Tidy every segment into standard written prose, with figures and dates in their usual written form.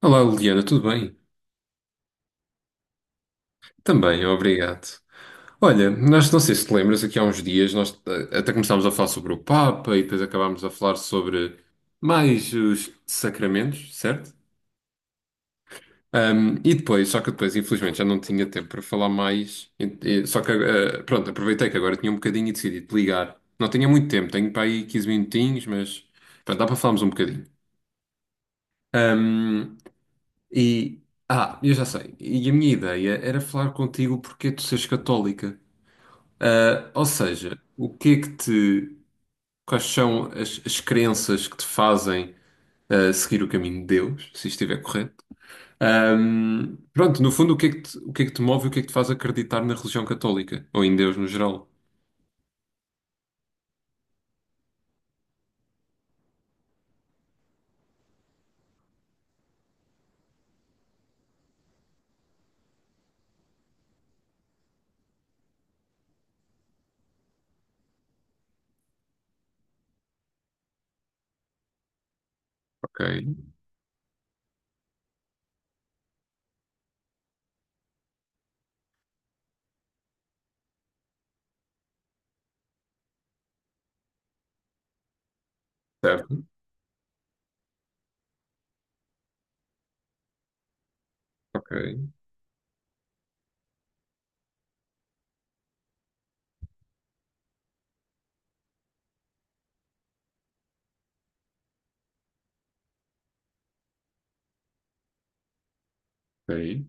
Olá, Liliana, tudo bem? Também, obrigado. Olha, nós não sei se te lembras, aqui há uns dias nós até começámos a falar sobre o Papa e depois acabámos a falar sobre mais os sacramentos, certo? E depois, só que depois, infelizmente, já não tinha tempo para falar mais. Só que, pronto, aproveitei que agora tinha um bocadinho e decidi te ligar. Não tinha muito tempo, tenho para aí 15 minutinhos, mas pronto, dá para falarmos um bocadinho. Ahm, e, eu já sei. E a minha ideia era falar contigo porque tu seres católica. Ah, ou seja, o que é que te. Quais são as, as crenças que te fazem seguir o caminho de Deus, se estiver correto? Pronto, no fundo, o que é que te move e o que é que te faz acreditar na religião católica? Ou em Deus no geral? Ok, certo, ok, ok.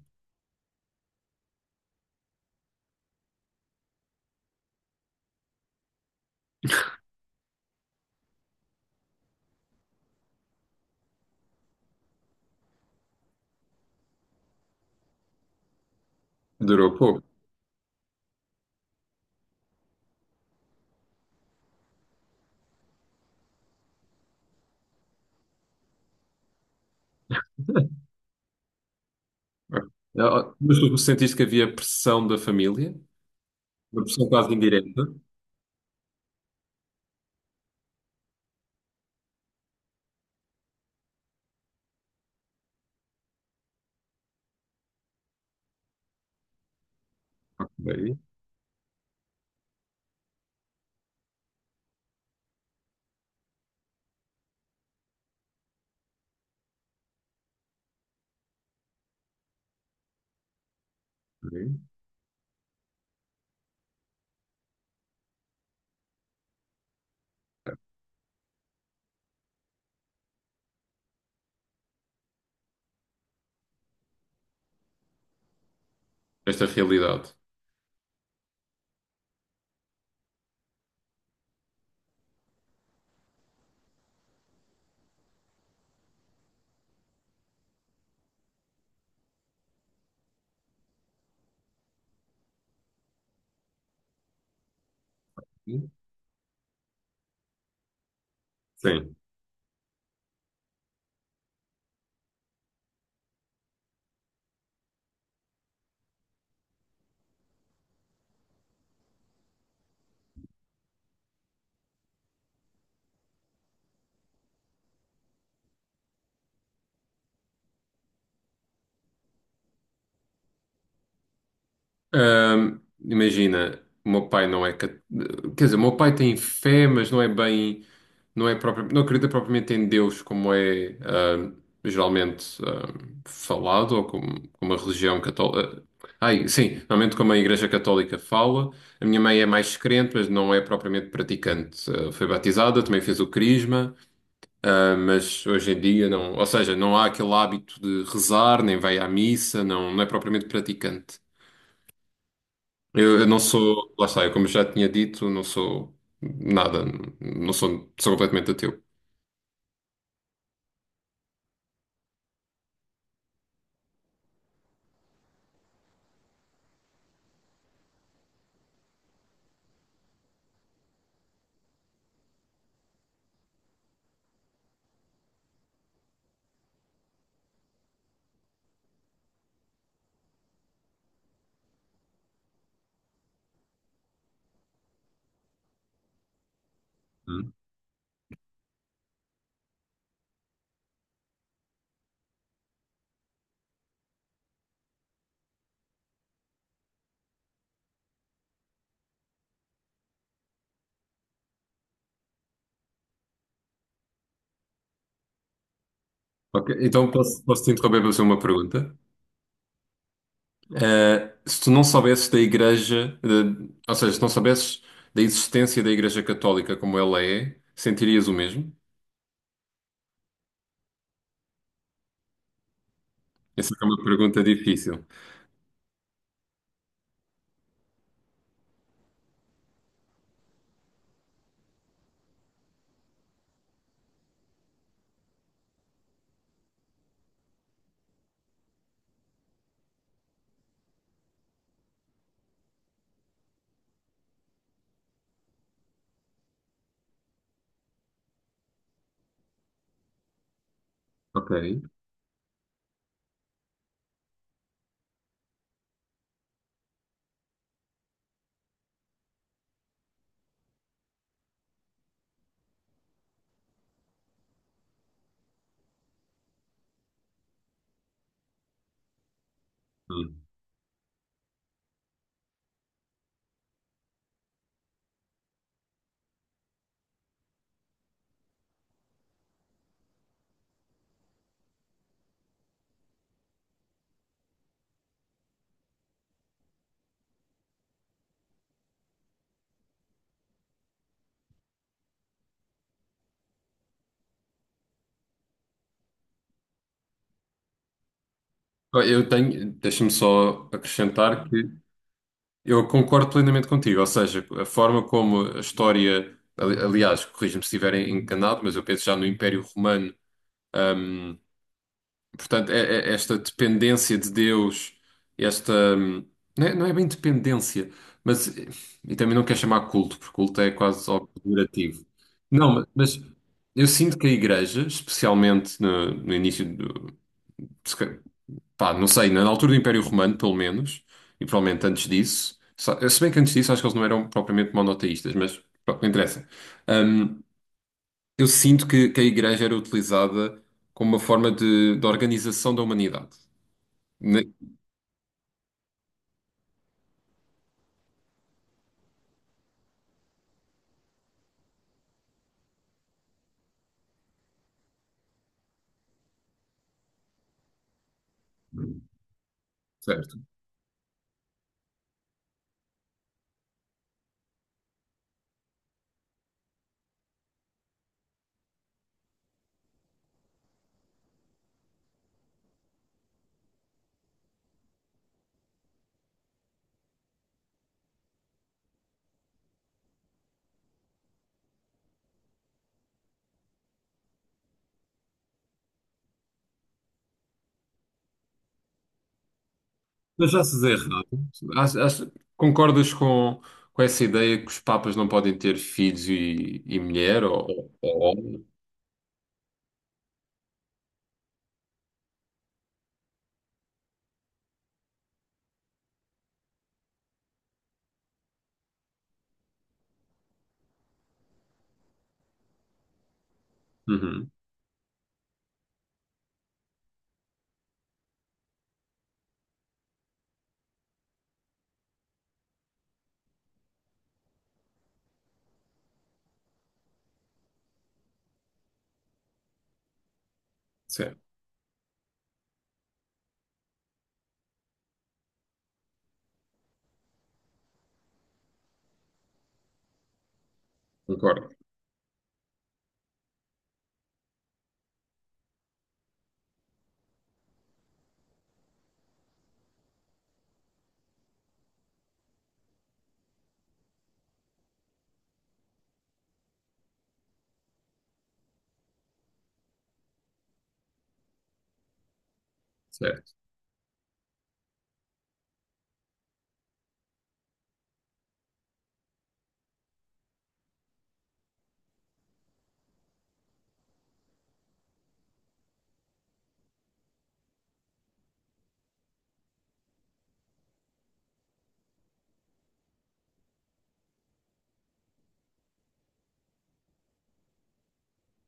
Durou pouco. Ah, mas tu sentiste que havia pressão da família? Uma pressão quase indireta? Ok, ok. Esta realidade. Sim. Imagina, o meu pai não é. Cat- quer dizer, o meu pai tem fé, mas não é bem. Não é próprio, não acredita propriamente em Deus, como é geralmente, falado, ou como, como a religião católica. Ai, sim, normalmente como a Igreja Católica fala. A minha mãe é mais crente, mas não é propriamente praticante. Ah, foi batizada, também fez o crisma, ah, mas hoje em dia não. Ou seja, não há aquele hábito de rezar, nem vai à missa, não, não é propriamente praticante. Eu não sou, lá está, eu como já tinha dito, não sou nada, não sou, sou completamente ateu. Hum. Ok, então posso te interromper para fazer uma pergunta? Eh, se tu não soubesses da Igreja, de- ou seja, se não soubesses da existência da Igreja Católica como ela é, sentirias o mesmo? Essa é uma pergunta difícil. Ok. Hum. Eu tenho, deixa-me só acrescentar que eu concordo plenamente contigo, ou seja, a forma como a história, ali- aliás, corrija-me se estiver enganado, mas eu penso já no Império Romano, hum, portanto, é- é- esta dependência de Deus, esta, não é, não é bem dependência, mas, e também não quero chamar culto, porque culto é quase algo pejorativo. Não, mas eu sinto que a Igreja, especialmente no, no início do, pá, não sei, na altura do Império Romano, pelo menos, e provavelmente antes disso, só- se bem que antes disso acho que eles não eram propriamente monoteístas, mas pronto, não interessa. Hum, eu sinto que a igreja era utilizada como uma forma de organização da humanidade. Ne- certo. Mas já se diz errado. Acho- acho- concordas com essa ideia que os papas não podem ter filhos e mulher ou, ou homem? Uhum, certo, concordo. Certo,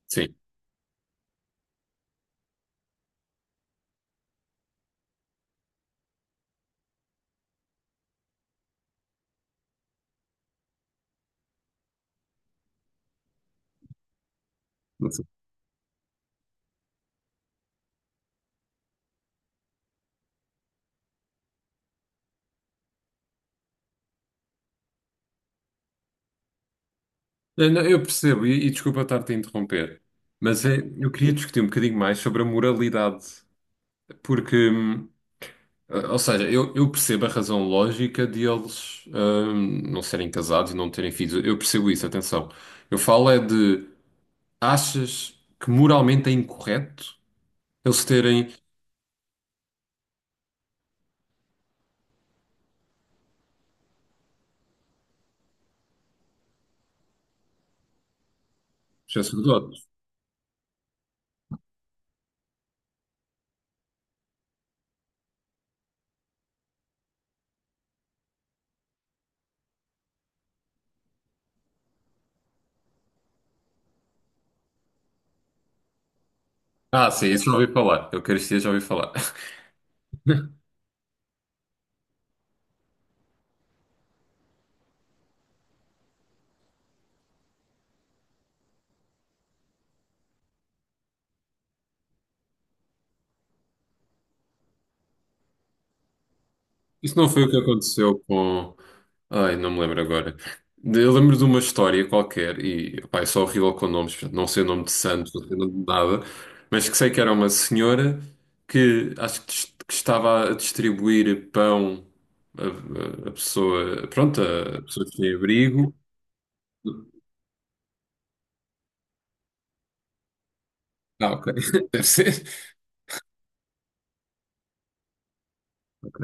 sim. Não, não, eu percebo, e desculpa estar-te a interromper, mas é, eu queria discutir um bocadinho mais sobre a moralidade, porque, ou seja, eu percebo a razão lógica de eles não serem casados e não terem filhos, eu percebo isso, atenção. Eu falo é de, achas que moralmente é incorreto eles terem sacerdotes? Ah, sim, isso já ouvi falar, eu queria já ouvi falar. Isso não foi o que aconteceu com. Ai, não me lembro agora. De- eu lembro de uma história qualquer, e pá, eu sou horrível com nomes, portanto, não sei o nome de santos, não sei o nome de nada, mas que sei que era uma senhora que acho que, dis- que estava a distribuir pão a, a pessoa, pronto, a pessoa que tinha abrigo. Ah, ok, deve ser. Ok.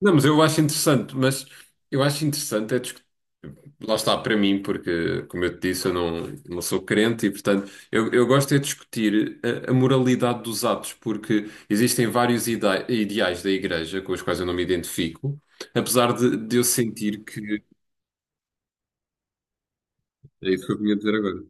Não, mas eu acho interessante, mas eu acho interessante é discutir. Lá está para mim, porque, como eu te disse, eu não, não sou crente e, portanto, eu gosto é de discutir a moralidade dos atos, porque existem vários ida- ideais da Igreja com os quais eu não me identifico, apesar de eu sentir que. É isso que eu vinha dizer agora.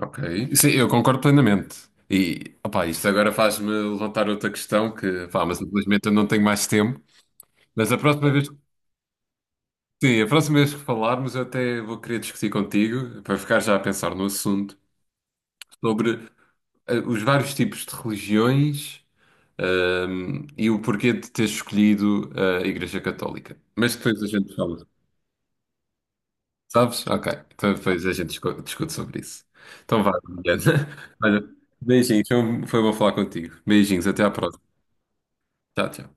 Ok. Sim, eu concordo plenamente. E, opá, isto agora faz-me levantar outra questão que, pá, mas infelizmente eu não tenho mais tempo. Mas a próxima vez. Sim, a próxima vez que falarmos, eu até vou querer discutir contigo, para ficar já a pensar no assunto, sobre os vários tipos de religiões, e o porquê de teres escolhido a Igreja Católica. Mas depois a gente fala. Sabes? Ok. Então depois a gente discu- discute sobre isso. Então vá, Mariana. Olha, beijinhos. Foi um, foi bom falar contigo. Beijinhos. Até à próxima. Tchau, tchau.